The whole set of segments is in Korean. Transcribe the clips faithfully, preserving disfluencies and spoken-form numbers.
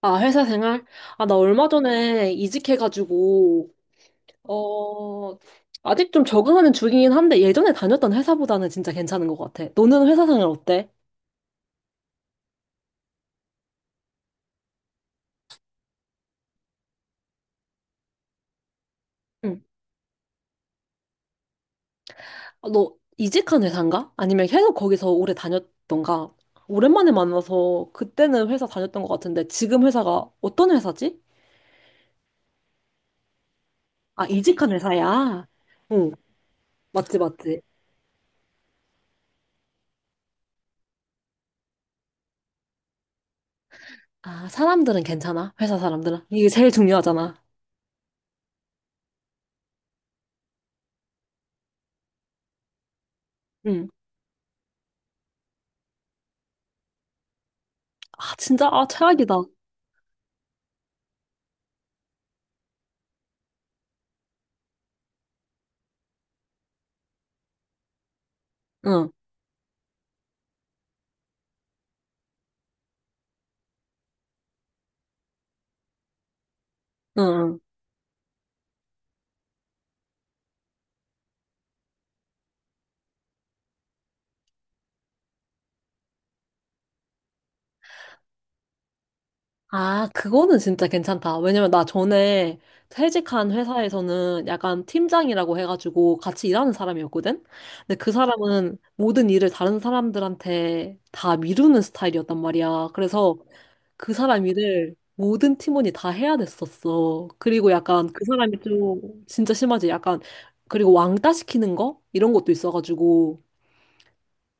아, 회사 생활? 아, 나 얼마 전에 이직해가지고, 어, 아직 좀 적응하는 중이긴 한데, 예전에 다녔던 회사보다는 진짜 괜찮은 것 같아. 너는 회사 생활 어때? 응. 아, 너 이직한 회사인가? 아니면 계속 거기서 오래 다녔던가? 오랜만에 만나서 그때는 회사 다녔던 것 같은데, 지금 회사가 어떤 회사지? 아, 이직한 회사야? 응, 맞지, 맞지. 아, 사람들은 괜찮아? 회사 사람들은? 이게 제일 중요하잖아. 응. 아, 진짜, 아, 최악이다. 응, 응. 응. 아, 그거는 진짜 괜찮다. 왜냐면 나 전에 퇴직한 회사에서는 약간 팀장이라고 해가지고 같이 일하는 사람이었거든? 근데 그 사람은 모든 일을 다른 사람들한테 다 미루는 스타일이었단 말이야. 그래서 그 사람 일을 모든 팀원이 다 해야 됐었어. 그리고 약간 그 사람이 좀 진짜 심하지. 약간 그리고 왕따 시키는 거? 이런 것도 있어가지고.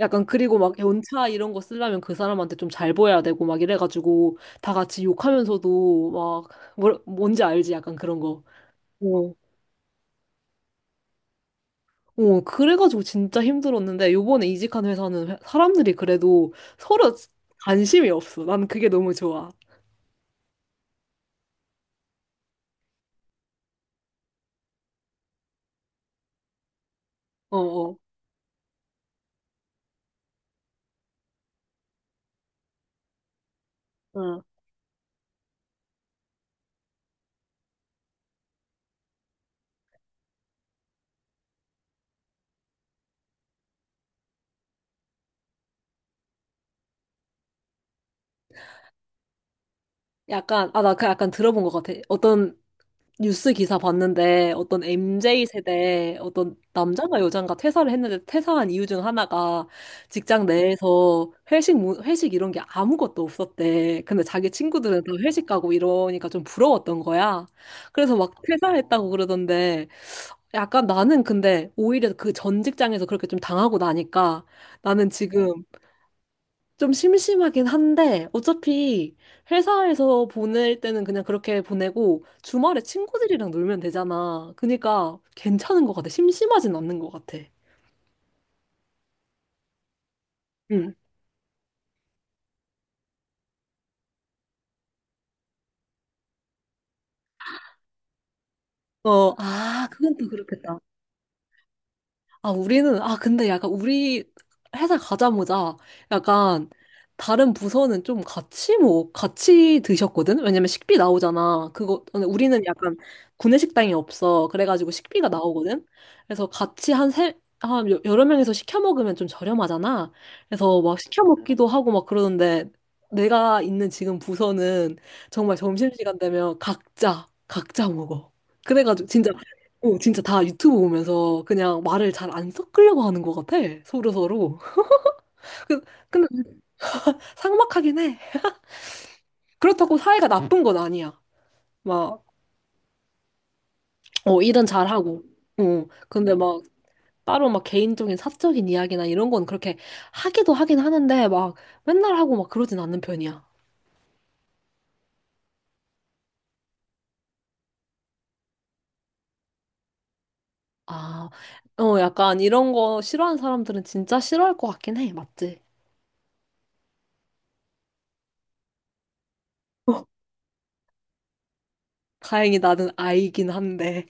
약간 그리고 막 연차 이런 거 쓰려면 그 사람한테 좀 잘 보여야 되고 막 이래가지고 다 같이 욕하면서도 막 뭘, 뭔지 알지 약간 그런 거. 어. 어, 그래가지고 진짜 힘들었는데 요번에 이직한 회사는 회- 사람들이 그래도 서로 관심이 없어. 난 그게 너무 좋아. 어, 어. 어. 약간 아 나 그 약간 들어본 것 같아. 어떤 뉴스 기사 봤는데 어떤 m j 세대 어떤 남자가 여잔가 퇴사를 했는데 퇴사한 이유 중 하나가 직장 내에서 회식 문- 회식 이런 게 아무것도 없었대. 근데 자기 친구들은 다 회식 가고 이러니까 좀 부러웠던 거야. 그래서 막 퇴사했다고 그러던데 약간 나는 근데 오히려 그 전 직장에서 그렇게 좀 당하고 나니까 나는 지금 좀 심심하긴 한데, 어차피 회사에서 보낼 때는 그냥 그렇게 보내고, 주말에 친구들이랑 놀면 되잖아. 그니까 괜찮은 것 같아. 심심하진 않는 것 같아. 응. 어, 아, 그건 또 그렇겠다. 아, 우리는, 아, 근데 약간 우리 회사 가자마자 약간 다른 부서는 좀 같이 뭐, 같이 드셨거든? 왜냐면 식비 나오잖아. 그거, 근데 우리는 약간 구내식당이 없어. 그래가지고 식비가 나오거든? 그래서 같이 한 세, 한 여- 여러 명이서 시켜 먹으면 좀 저렴하잖아. 그래서 막 시켜 먹기도 하고 막 그러는데 내가 있는 지금 부서는 정말 점심시간 되면 각자, 각자 먹어. 그래가지고 진짜 어, 진짜 다 유튜브 보면서 그냥 말을 잘 안 섞으려고 하는 것 같아. 서로서로. 그- 근데 삭막하긴 해. 그렇다고 사이가 나쁜 건 아니야. 막, 어, 일은 잘하고. 어, 근데 막 따로 막 개인적인 사적인 이야기나 이런 건 그렇게 하기도 하긴 하는데 막 맨날 하고 막 그러진 않는 편이야. 아, 어, 약간 이런 거 싫어하는 사람들은 진짜 싫어할 것 같긴 해. 맞지? 다행히 나는 아이긴 한데.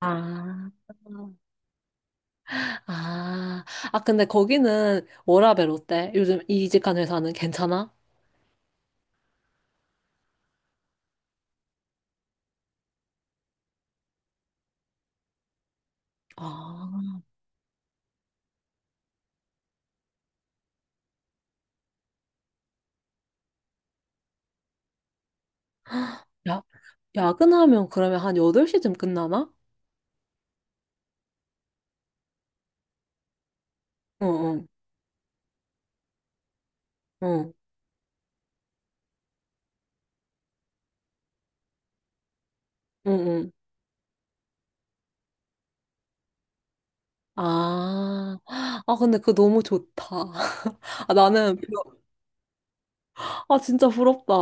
아. 아, 아, 근데 거기는 워라밸 어때? 요즘 이직한 회사는 괜찮아? 아, 야, 야근하면 그러면 한 여덟 시쯤 끝나나? 응, 응, 응, 응, 응. 아, 아, 근데 그거 너무 좋다. 아, 나는, 아, 진짜 부럽다.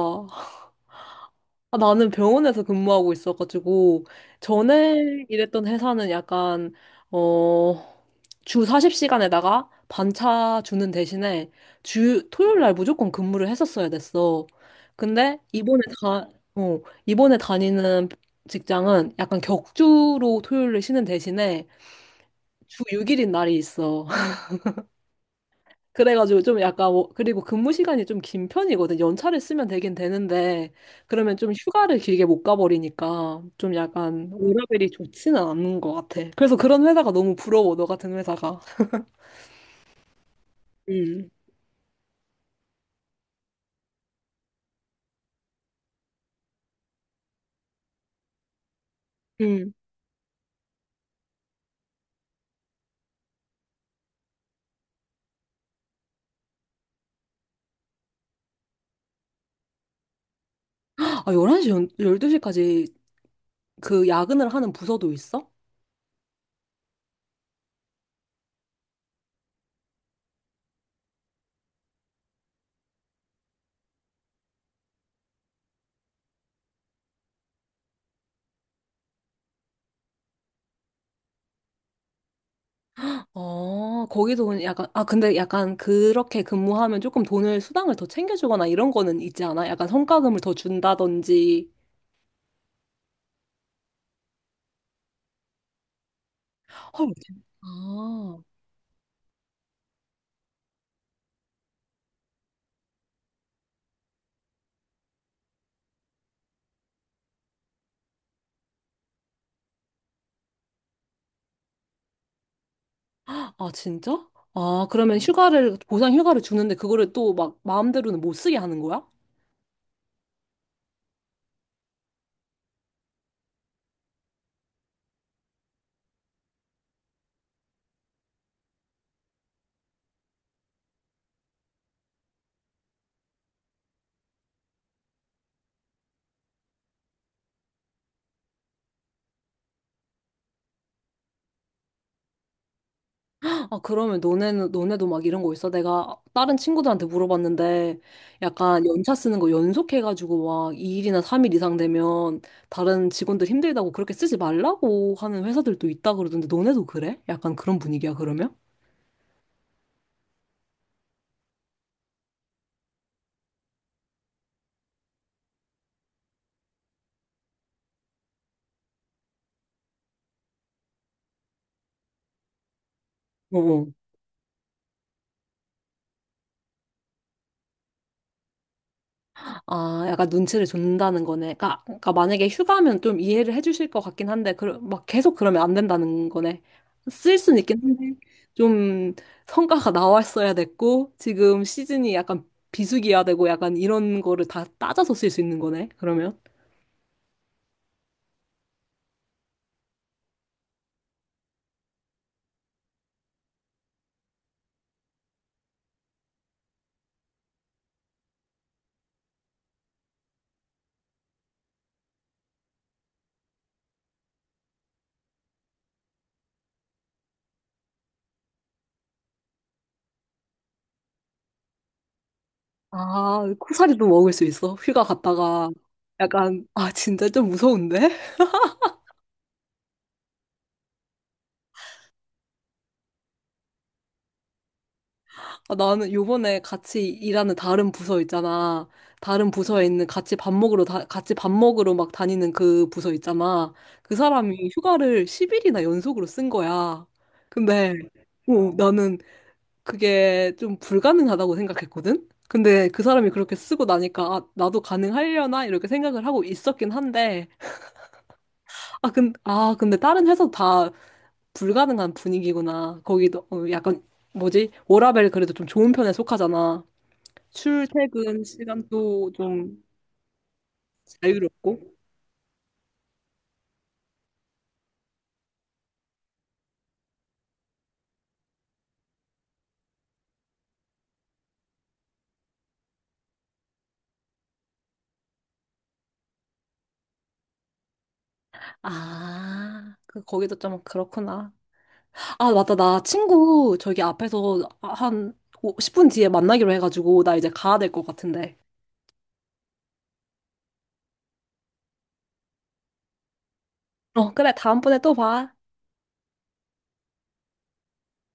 아, 나는 병원에서 근무하고 있어가지고, 전에 일했던 회사는 약간, 어, 주 사십 시간에다가 반차 주는 대신에 주, 토요일 날 무조건 근무를 했었어야 됐어. 근데 이번에 다, 어, 이번에 다니는 직장은 약간 격주로 토요일을 쉬는 대신에 주 육 일인 날이 있어. 그래가지고 좀 약간 워- 그리고 근무 시간이 좀 긴 편이거든. 연차를 쓰면 되긴 되는데 그러면 좀 휴가를 길게 못 가버리니까 좀 약간 워라밸이 좋지는 않은 것 같아. 그래서 그런 회사가 너무 부러워. 너 같은 회사가. 음. 음. 아, 열한 시 열두 시까지 그 야근을 하는 부서도 있어? 어, 거기서 약간, 아, 근데 약간 그렇게 근무하면 조금 돈을, 수당을 더 챙겨주거나 이런 거는 있지 않아? 약간 성과금을 더 준다든지. 헐, 진- 아, 아, 진짜? 아, 그러면 휴가를, 보상 휴가를 주는데 그거를 또 막 마음대로는 못 쓰게 하는 거야? 아, 그러면 너네는, 너네도 막 이런 거 있어? 내가 다른 친구들한테 물어봤는데, 약간 연차 쓰는 거 연속해가지고 막 이 일이나 삼 일 이상 되면 다른 직원들 힘들다고 그렇게 쓰지 말라고 하는 회사들도 있다 그러던데, 너네도 그래? 약간 그런 분위기야, 그러면? 어. 아, 약간 눈치를 준다는 거네. 그러니까, 그러니까 만약에 휴가면 좀 이해를 해주실 것 같긴 한데, 그, 막 계속 그러면 안 된다는 거네. 쓸 수는 있긴 한데, 좀 성과가 나왔어야 됐고, 지금 시즌이 약간 비수기야 되고, 약간 이런 거를 다 따져서 쓸 수 있는 거네, 그러면. 아, 코사리도 먹을 수 있어. 휴가 갔다가. 약간, 아, 진짜 좀 무서운데? 아, 나는 요번에 같이 일하는 다른 부서 있잖아. 다른 부서에 있는 같이 밥 먹으러, 다, 같이 밥 먹으러 막 다니는 그 부서 있잖아. 그 사람이 휴가를 십 일이나 연속으로 쓴 거야. 근데, 어, 나는 그게 좀 불가능하다고 생각했거든? 근데 그 사람이 그렇게 쓰고 나니까, 아, 나도 가능하려나? 이렇게 생각을 하고 있었긴 한데, 아, 근, 아, 근데 다른 회사 다 불가능한 분위기구나. 거기도 어, 약간 뭐지? 워라밸 그래도 좀 좋은 편에 속하잖아. 출퇴근 시간도 좀 자유롭고. 아, 그, 거기도 좀 그렇구나. 아, 맞다. 나 친구 저기 앞에서 한 십 분 뒤에 만나기로 해가지고, 나 이제 가야 될 것 같은데. 어, 그래. 다음번에 또 봐.